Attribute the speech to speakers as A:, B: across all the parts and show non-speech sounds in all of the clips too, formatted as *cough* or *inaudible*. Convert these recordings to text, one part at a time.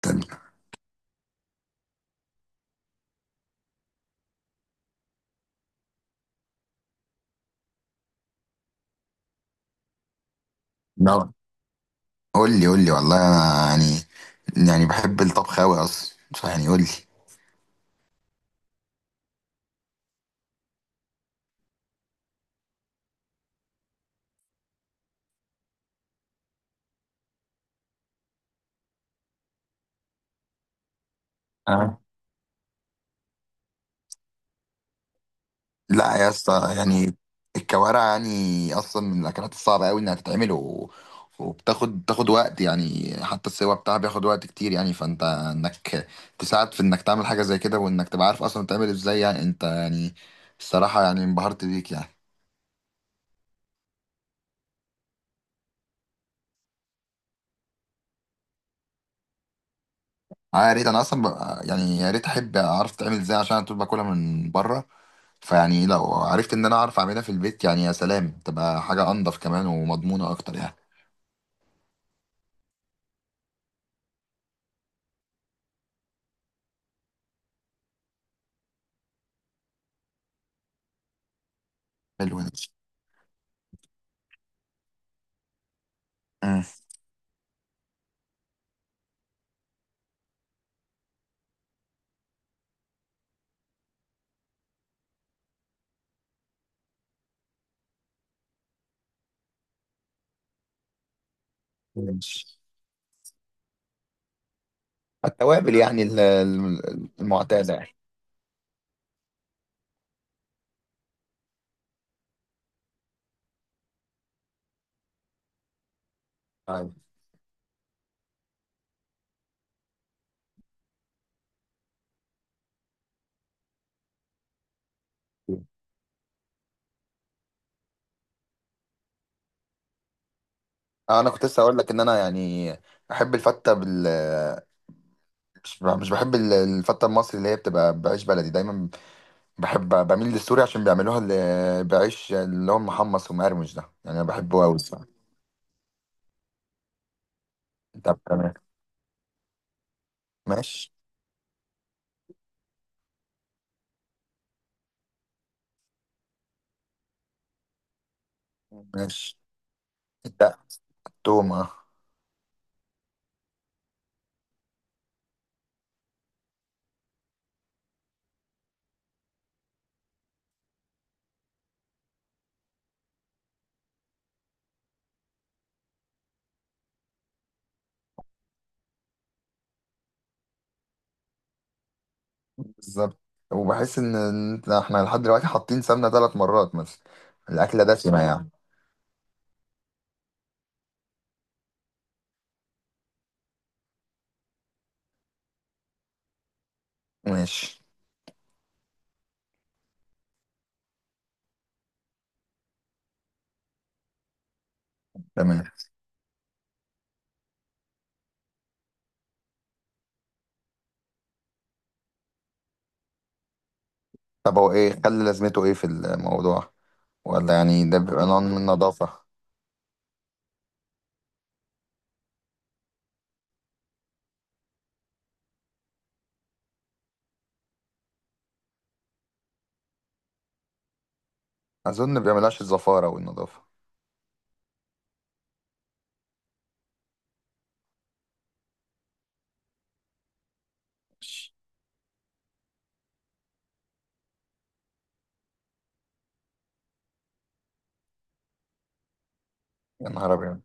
A: طب، لا، قول لي قول لي، والله انا يعني بحب الطبخ قوي اصلا، يعني قول لي. أه. لا يا اسطى، يعني الكوارع يعني اصلا من الاكلات الصعبه قوي انها تتعمل وبتاخد وقت، يعني حتى السوا بتاعها بياخد وقت كتير، يعني فانت انك تساعد في انك تعمل حاجه زي كده، وانك تبقى عارف اصلا تعمل ازاي، يعني انت، يعني الصراحه يعني انبهرت بيك يعني. يا ريت انا اصلا يعني يا ريت احب اعرف تعمل ازاي عشان أنا طول باكلها من بره، فيعني لو عرفت ان انا اعرف اعملها في البيت يعني يا سلام، تبقى حاجه انضف كمان ومضمونه اكتر يعني. حلو ده. مم. ماشي. التوابل يعني المعتاده يعني. طيب. انا كنت لسه اقول لك ان انا يعني احب الفته مش بحب ال- الفته المصري اللي هي بتبقى بعيش بلدي دايما، بميل للسوري عشان بيعملوها اللي بعيش اللي هو محمص ومقرمش ده، يعني انا بحبه قوي الصراحه. طب تمام. ماشي ماشي. ده تومه. بالظبط، وبحس ان احنا لحد دلوقتي حاطين سمنه 3 مرات مثلا. الاكله دسمه يعني. ماشي. تمام. طب هو ايه خلي لازمته ايه في الموضوع، ولا يعني ده بيبقى نوع من النظافه؟ اظن بيعملهاش الزفاره والنظافه. يا نهار ابيض!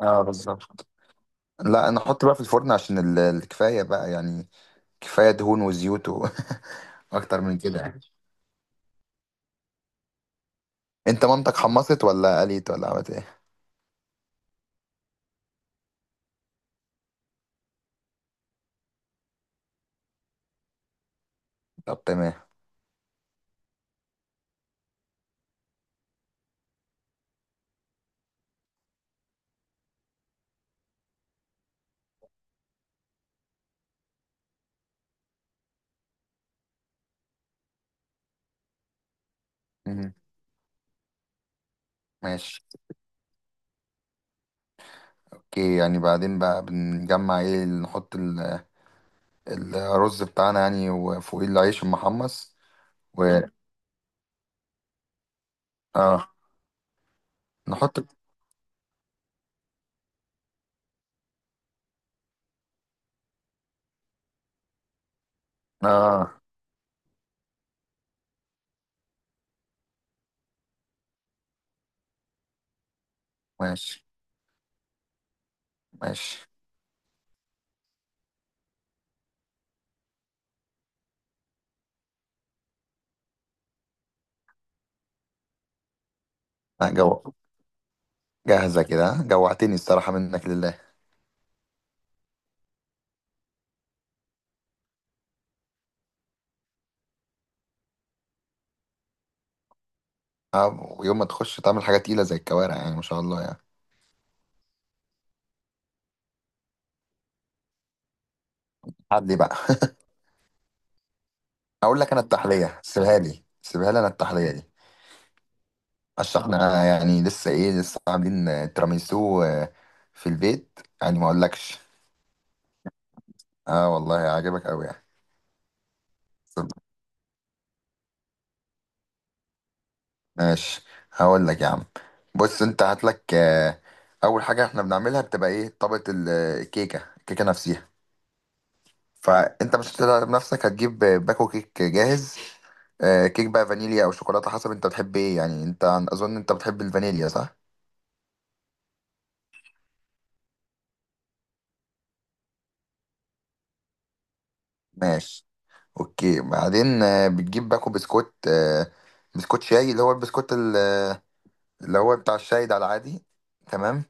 A: اه بالظبط. لا، انا احط بقى في الفرن عشان الكفايه بقى يعني. كفايه دهون وزيوت *laughs* اكتر من كده يعني. انت مامتك حمصت ولا قليت ولا عملت ايه؟ طب تمام. مم. ماشي. اوكي، يعني بعدين بقى بنجمع ايه، نحط الرز بتاعنا يعني وفوقيه العيش المحمص، و اه نحط. اه ماشي ماشي. لا، جو، جاهزة كده ها؟ جوعتني الصراحة، منك لله! ويوم ما تخش تعمل حاجة تقيلة زي الكوارع يعني ما شاء الله يعني. عدلي بقى. *laughs* اقول لك، انا التحلية سيبها لي سيبها لي انا، التحلية دي. عشان احنا يعني لسه ايه، لسه عاملين تراميسو في البيت يعني، ما اقولكش. اه والله عاجبك قوي يعني. ماشي. هقول لك يا عم. بص، انت هات لك، اول حاجه احنا بنعملها بتبقى ايه، طبقه الكيكه نفسها. فانت مش هتقدر بنفسك، هتجيب باكو كيك جاهز. كيك بقى فانيليا او شوكولاته حسب انت بتحب ايه يعني، انت اظن انت بتحب الفانيليا صح؟ ماشي. اوكي بعدين بتجيب باكو بسكوت، بسكوت شاي اللي هو البسكوت اللي هو بتاع الشاي ده العادي، تمام.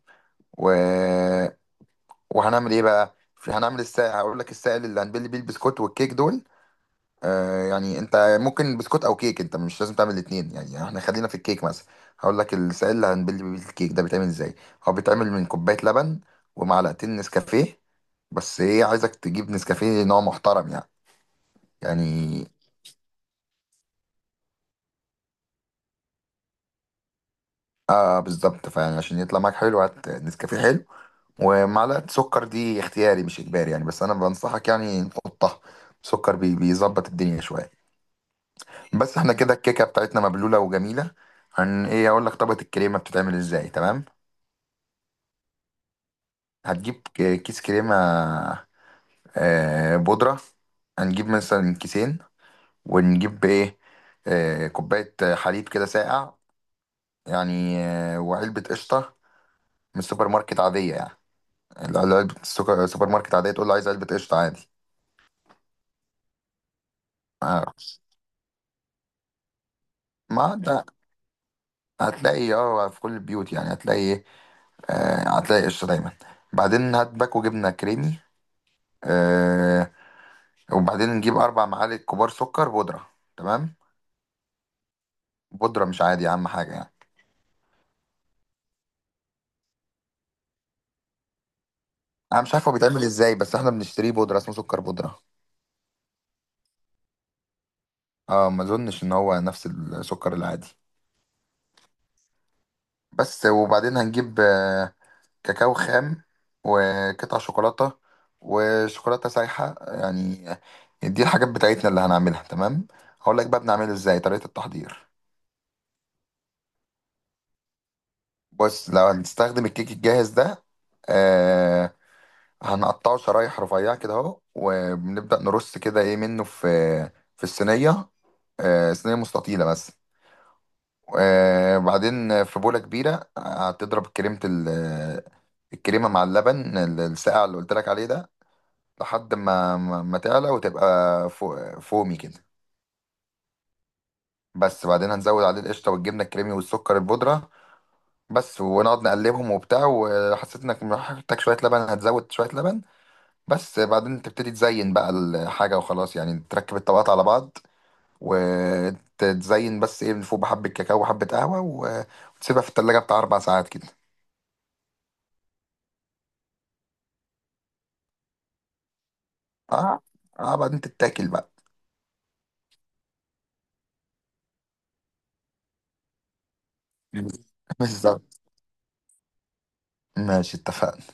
A: وهنعمل ايه بقى، في هنعمل السائل. هقول لك السائل اللي هنبل بيه البسكوت والكيك دول. يعني انت ممكن بسكوت او كيك، انت مش لازم تعمل الاثنين يعني، احنا خلينا في الكيك مثلا. هقول لك السائل اللي هنبل بيه الكيك ده بيتعمل ازاي. هو بيتعمل من كوبايه لبن ومعلقتين نسكافيه، بس ايه، عايزك تجيب نسكافيه نوع محترم يعني. يعني اه بالظبط فعلا، عشان يطلع معاك حلو هات نسكافيه حلو. ومعلقه سكر دي اختياري مش اجباري يعني، بس انا بنصحك يعني نحطها، سكر بيظبط الدنيا شويه. بس احنا كده الكيكه بتاعتنا مبلوله وجميله. ايه اقول لك طبقه الكريمه بتتعمل ازاي، تمام. هتجيب كيس كريمه، بودره. هنجيب مثلا كيسين، ونجيب ايه، كوبايه حليب كده ساقع يعني، وعلبه قشطه من السوبر ماركت عاديه يعني. علبه السوبر ماركت عاديه، تقول له عايز علبه قشطه عادي. آه، ما ده هتلاقي اه في كل البيوت، يعني هتلاقي ايه، آه هتلاقي قشطه دايما. بعدين هات باكو جبنه كريمي، آه وبعدين نجيب 4 معالق كبار سكر بودره، تمام. بودره مش عادي، اهم حاجه يعني. انا مش عارف هو بيتعمل ازاي، بس احنا بنشتريه بودره، اسمه سكر بودره. اه، ما اظنش ان هو نفس السكر العادي. بس وبعدين هنجيب كاكاو خام، وقطع شوكولاته، وشوكولاته سايحه يعني. دي الحاجات بتاعتنا اللي هنعملها، تمام. هقول لك بقى بنعمله ازاي طريقه التحضير. بص لو هنستخدم الكيك الجاهز ده، آه، هنقطعه شرايح رفيعة كده اهو، وبنبدأ نرص كده ايه منه في الصينية. صينية مستطيلة بس. بعدين في بولة كبيرة هتضرب كريمة الكريمة مع اللبن الساقع اللي قلت لك عليه ده، لحد ما تعلى وتبقى فومي كده. بس بعدين هنزود عليه القشطة والجبنة الكريمي والسكر البودرة بس، ونقعد نقلبهم وبتاع، وحسيت انك محتاج شوية لبن هتزود شوية لبن بس. بعدين تبتدي تزين بقى الحاجة وخلاص، يعني تركب الطبقات على بعض وتزين بس ايه من فوق بحبة كاكاو وحبة قهوة وتسيبها في التلاجة بتاع 4 ساعات كده. اه, بعدين تتاكل بقى. *laughs* بالظبط. ماشي اتفقنا.